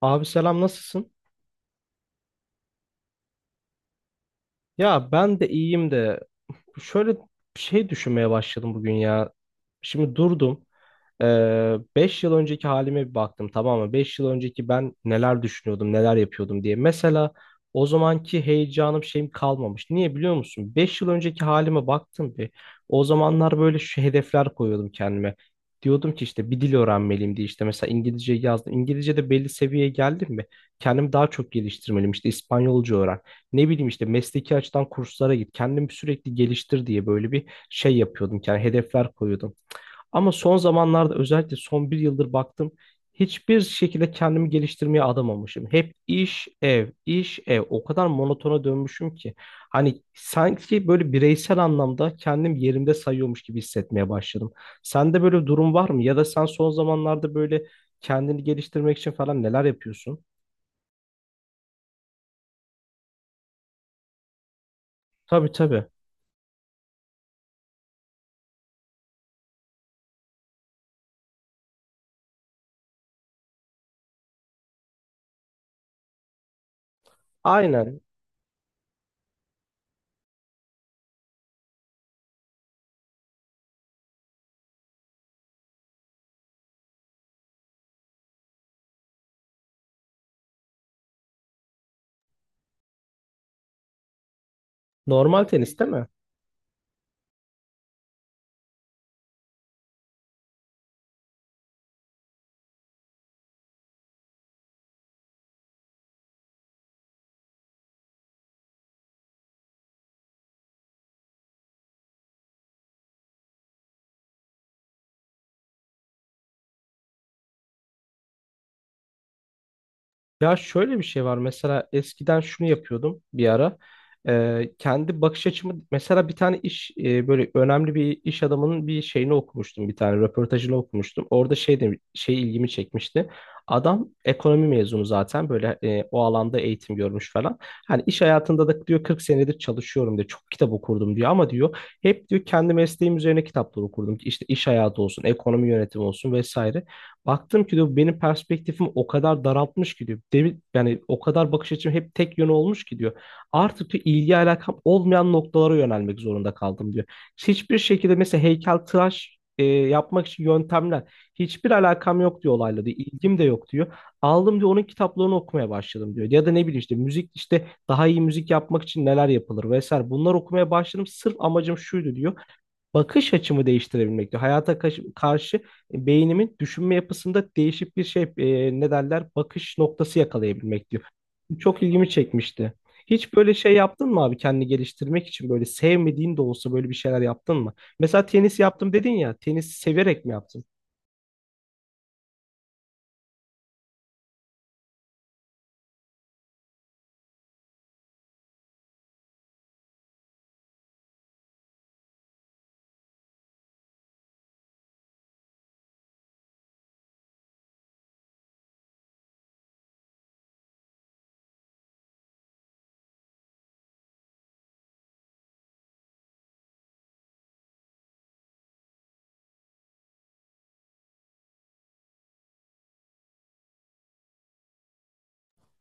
Abi selam nasılsın? Ya ben de iyiyim de şöyle bir şey düşünmeye başladım bugün ya. Şimdi durdum. Ee, 5 yıl önceki halime bir baktım, tamam mı? 5 yıl önceki ben neler düşünüyordum, neler yapıyordum diye. Mesela o zamanki heyecanım şeyim kalmamış. Niye biliyor musun? 5 yıl önceki halime baktım bir. O zamanlar böyle şu hedefler koyuyordum kendime. Diyordum ki işte bir dil öğrenmeliyim diye, işte mesela İngilizce yazdım. İngilizce'de belli seviyeye geldim mi? Kendimi daha çok geliştirmeliyim. İşte İspanyolca öğren. Ne bileyim işte mesleki açıdan kurslara git. Kendimi sürekli geliştir diye böyle bir şey yapıyordum. Yani hedefler koyuyordum. Ama son zamanlarda, özellikle son bir yıldır baktım. Hiçbir şekilde kendimi geliştirmeye adamamışım. Hep iş, ev, iş, ev. O kadar monotona dönmüşüm ki. Hani sanki böyle bireysel anlamda kendim yerimde sayıyormuş gibi hissetmeye başladım. Sende böyle bir durum var mı? Ya da sen son zamanlarda böyle kendini geliştirmek için falan neler yapıyorsun? Tabii, tabii. Aynen. Normal tenis değil mi? Ya şöyle bir şey var, mesela eskiden şunu yapıyordum bir ara. Kendi bakış açımı, mesela bir tane iş böyle önemli bir iş adamının bir şeyini okumuştum, bir tane röportajını okumuştum, orada şey de şey ilgimi çekmişti. Adam ekonomi mezunu zaten, böyle o alanda eğitim görmüş falan. Hani iş hayatında da diyor 40 senedir çalışıyorum diyor, çok kitap okurdum diyor, ama diyor hep diyor kendi mesleğim üzerine kitaplar okurdum, işte iş hayatı olsun, ekonomi yönetimi olsun, vesaire. Baktım ki diyor benim perspektifimi o kadar daraltmış ki diyor. Yani o kadar bakış açım hep tek yön olmuş ki diyor. Artık diyor ilgi alakam olmayan noktalara yönelmek zorunda kaldım diyor. Hiçbir şekilde mesela heykeltıraş yapmak için yöntemler, hiçbir alakam yok diyor olayla diyor. İlgim de yok diyor. Aldım diyor, onun kitaplarını okumaya başladım diyor. Ya da ne bileyim, işte müzik, işte daha iyi müzik yapmak için neler yapılır vesaire. Bunlar okumaya başladım. Sırf amacım şuydu diyor, bakış açımı değiştirebilmek diyor. Hayata karşı beynimin düşünme yapısında değişik bir şey, ne derler, bakış noktası yakalayabilmek diyor. Bu çok ilgimi çekmişti. Hiç böyle şey yaptın mı abi, kendini geliştirmek için böyle sevmediğin de olsa böyle bir şeyler yaptın mı? Mesela tenis yaptım dedin ya, tenis severek mi yaptın?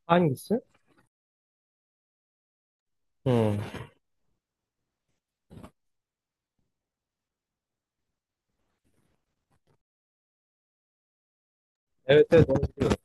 Hangisi? Hmm. Evet, evet, onu biliyorum.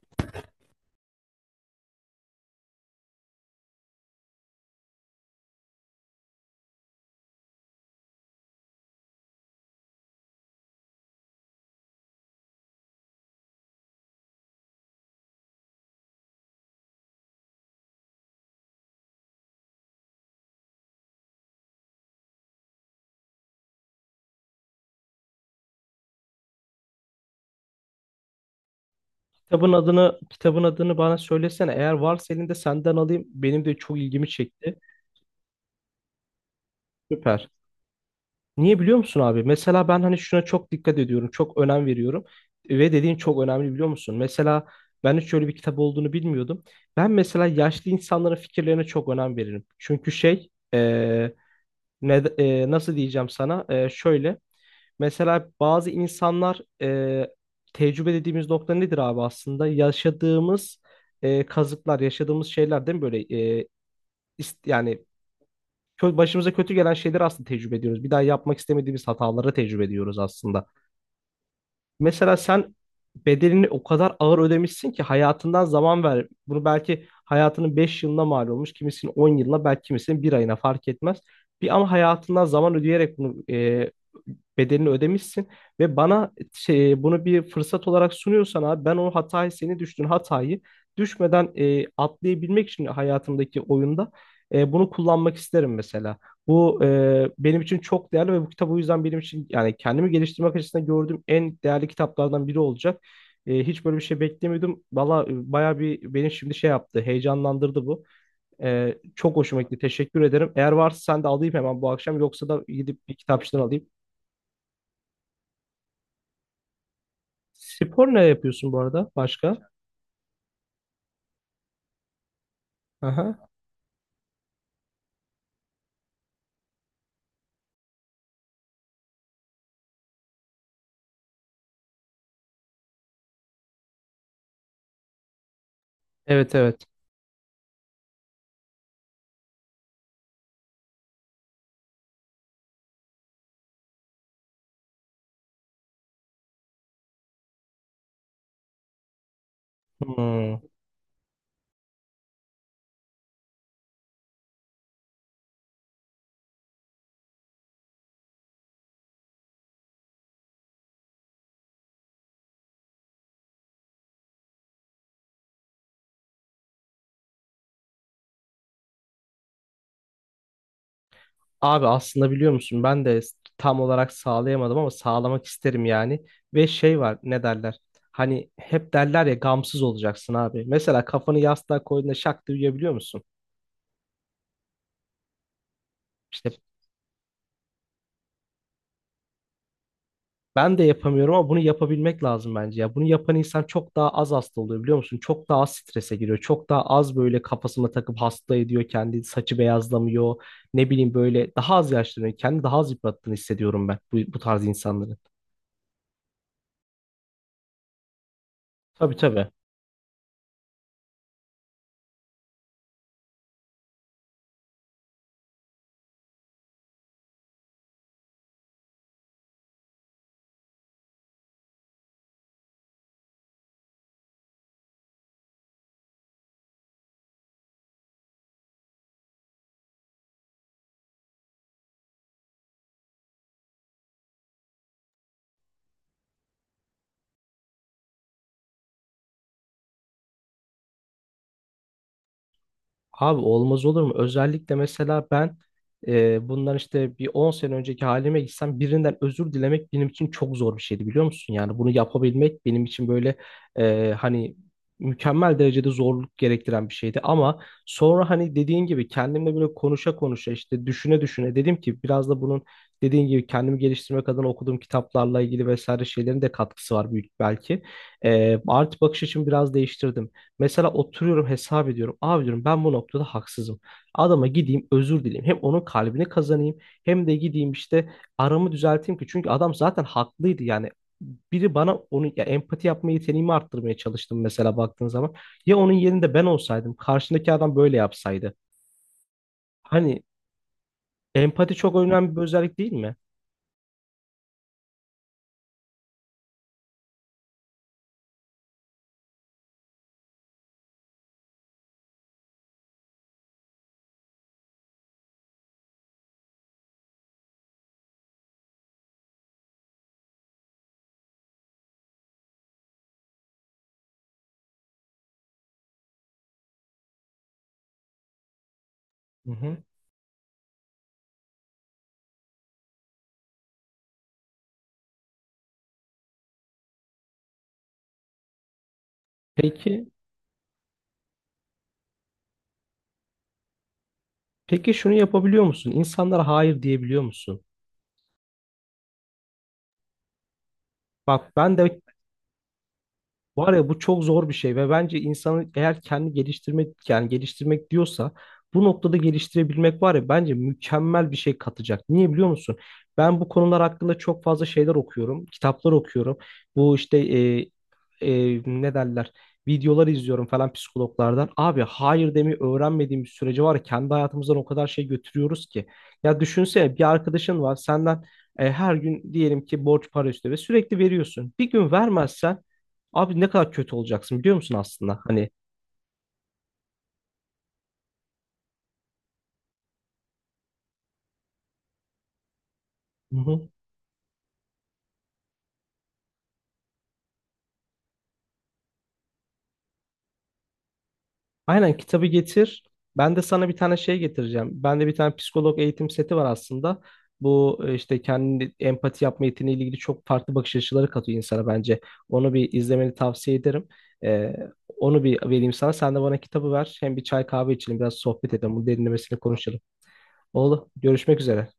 Kitabın adını, bana söylesene. Eğer varsa elinde, senden alayım. Benim de çok ilgimi çekti. Süper. Niye biliyor musun abi? Mesela ben hani şuna çok dikkat ediyorum, çok önem veriyorum ve dediğin çok önemli, biliyor musun? Mesela ben hiç öyle bir kitap olduğunu bilmiyordum. Ben mesela yaşlı insanların fikirlerine çok önem veririm. Çünkü şey, ne, nasıl diyeceğim sana? Şöyle, mesela bazı insanlar tecrübe dediğimiz nokta nedir abi aslında? Yaşadığımız kazıklar, yaşadığımız şeyler, değil mi böyle? E, yani başımıza kötü gelen şeyleri aslında tecrübe ediyoruz. Bir daha yapmak istemediğimiz hataları tecrübe ediyoruz aslında. Mesela sen bedelini o kadar ağır ödemişsin ki hayatından zaman ver. Bunu belki hayatının 5 yılına mal olmuş, kimisinin 10 yılına, belki kimisinin bir ayına, fark etmez. Bir ama hayatından zaman ödeyerek bunu bedelini ödemişsin ve bana şey, bunu bir fırsat olarak sunuyorsan, abi ben o hatayı, senin düştüğün hatayı düşmeden atlayabilmek için hayatımdaki oyunda bunu kullanmak isterim mesela. Bu benim için çok değerli ve bu kitap o yüzden benim için, yani kendimi geliştirmek açısından gördüğüm en değerli kitaplardan biri olacak. Hiç böyle bir şey beklemiyordum. Valla bayağı bir beni şimdi şey yaptı, heyecanlandırdı bu. Çok hoşuma gitti. Teşekkür ederim. Eğer varsa sen de alayım hemen bu akşam. Yoksa da gidip bir kitapçıdan alayım. Spor ne yapıyorsun bu arada? Başka? Aha. Evet, evet. Hmm. Abi aslında biliyor musun, ben de tam olarak sağlayamadım ama sağlamak isterim yani. Ve şey var, ne derler? Hani hep derler ya, gamsız olacaksın abi. Mesela kafanı yastığa koyduğunda şak diye uyuyabiliyor musun? İşte ben de yapamıyorum ama bunu yapabilmek lazım bence ya. Bunu yapan insan çok daha az hasta oluyor, biliyor musun? Çok daha az strese giriyor. Çok daha az böyle kafasına takıp hasta ediyor kendi, saçı beyazlamıyor. Ne bileyim, böyle daha az yaşlanıyor. Kendi daha az yıprattığını hissediyorum ben bu tarz insanların. Tabii, tabii. Abi olmaz olur mu? Özellikle mesela ben bundan işte bir 10 sene önceki halime gitsem birinden özür dilemek benim için çok zor bir şeydi, biliyor musun? Yani bunu yapabilmek benim için böyle hani mükemmel derecede zorluk gerektiren bir şeydi. Ama sonra hani dediğin gibi kendimle böyle konuşa konuşa, işte düşüne düşüne dedim ki biraz da bunun, dediğin gibi kendimi geliştirmek adına okuduğum kitaplarla ilgili vesaire şeylerin de katkısı var büyük belki. Artı bakış açımı biraz değiştirdim. Mesela oturuyorum, hesap ediyorum. Abi diyorum, ben bu noktada haksızım. Adama gideyim, özür dileyim. Hem onun kalbini kazanayım, hem de gideyim işte aramı düzelteyim ki. Çünkü adam zaten haklıydı yani. Biri bana onu, ya empati yapma yeteneğimi arttırmaya çalıştım mesela, baktığın zaman. Ya onun yerinde ben olsaydım, karşındaki adam böyle yapsaydı. Hani empati çok önemli bir özellik, değil mi? Hı hı. Peki, peki şunu yapabiliyor musun? İnsanlara hayır diyebiliyor musun? Bak ben de Var ya, bu çok zor bir şey ve bence insanı, eğer kendi geliştirmek, yani geliştirmek diyorsa bu noktada geliştirebilmek, var ya bence mükemmel bir şey katacak. Niye biliyor musun? Ben bu konular hakkında çok fazla şeyler okuyorum, kitaplar okuyorum. Bu işte ne derler? Videolar izliyorum falan, psikologlardan. Abi hayır demeyi öğrenmediğim bir sürece, var ya, kendi hayatımızdan o kadar şey götürüyoruz ki. Ya düşünsene, bir arkadaşın var senden her gün diyelim ki borç para istiyor ve sürekli veriyorsun. Bir gün vermezsen, abi ne kadar kötü olacaksın biliyor musun aslında? Hani. Hı hı. Aynen, kitabı getir. Ben de sana bir tane şey getireceğim. Bende bir tane psikolog eğitim seti var aslında. Bu işte kendi empati yapma yeteneğiyle ilgili çok farklı bakış açıları katıyor insana bence. Onu bir izlemeni tavsiye ederim. Ee, Onu bir vereyim sana. Sen de bana kitabı ver. Hem bir çay kahve içelim, biraz sohbet edelim. Bunu derinlemesine konuşalım. Oğlum, görüşmek üzere.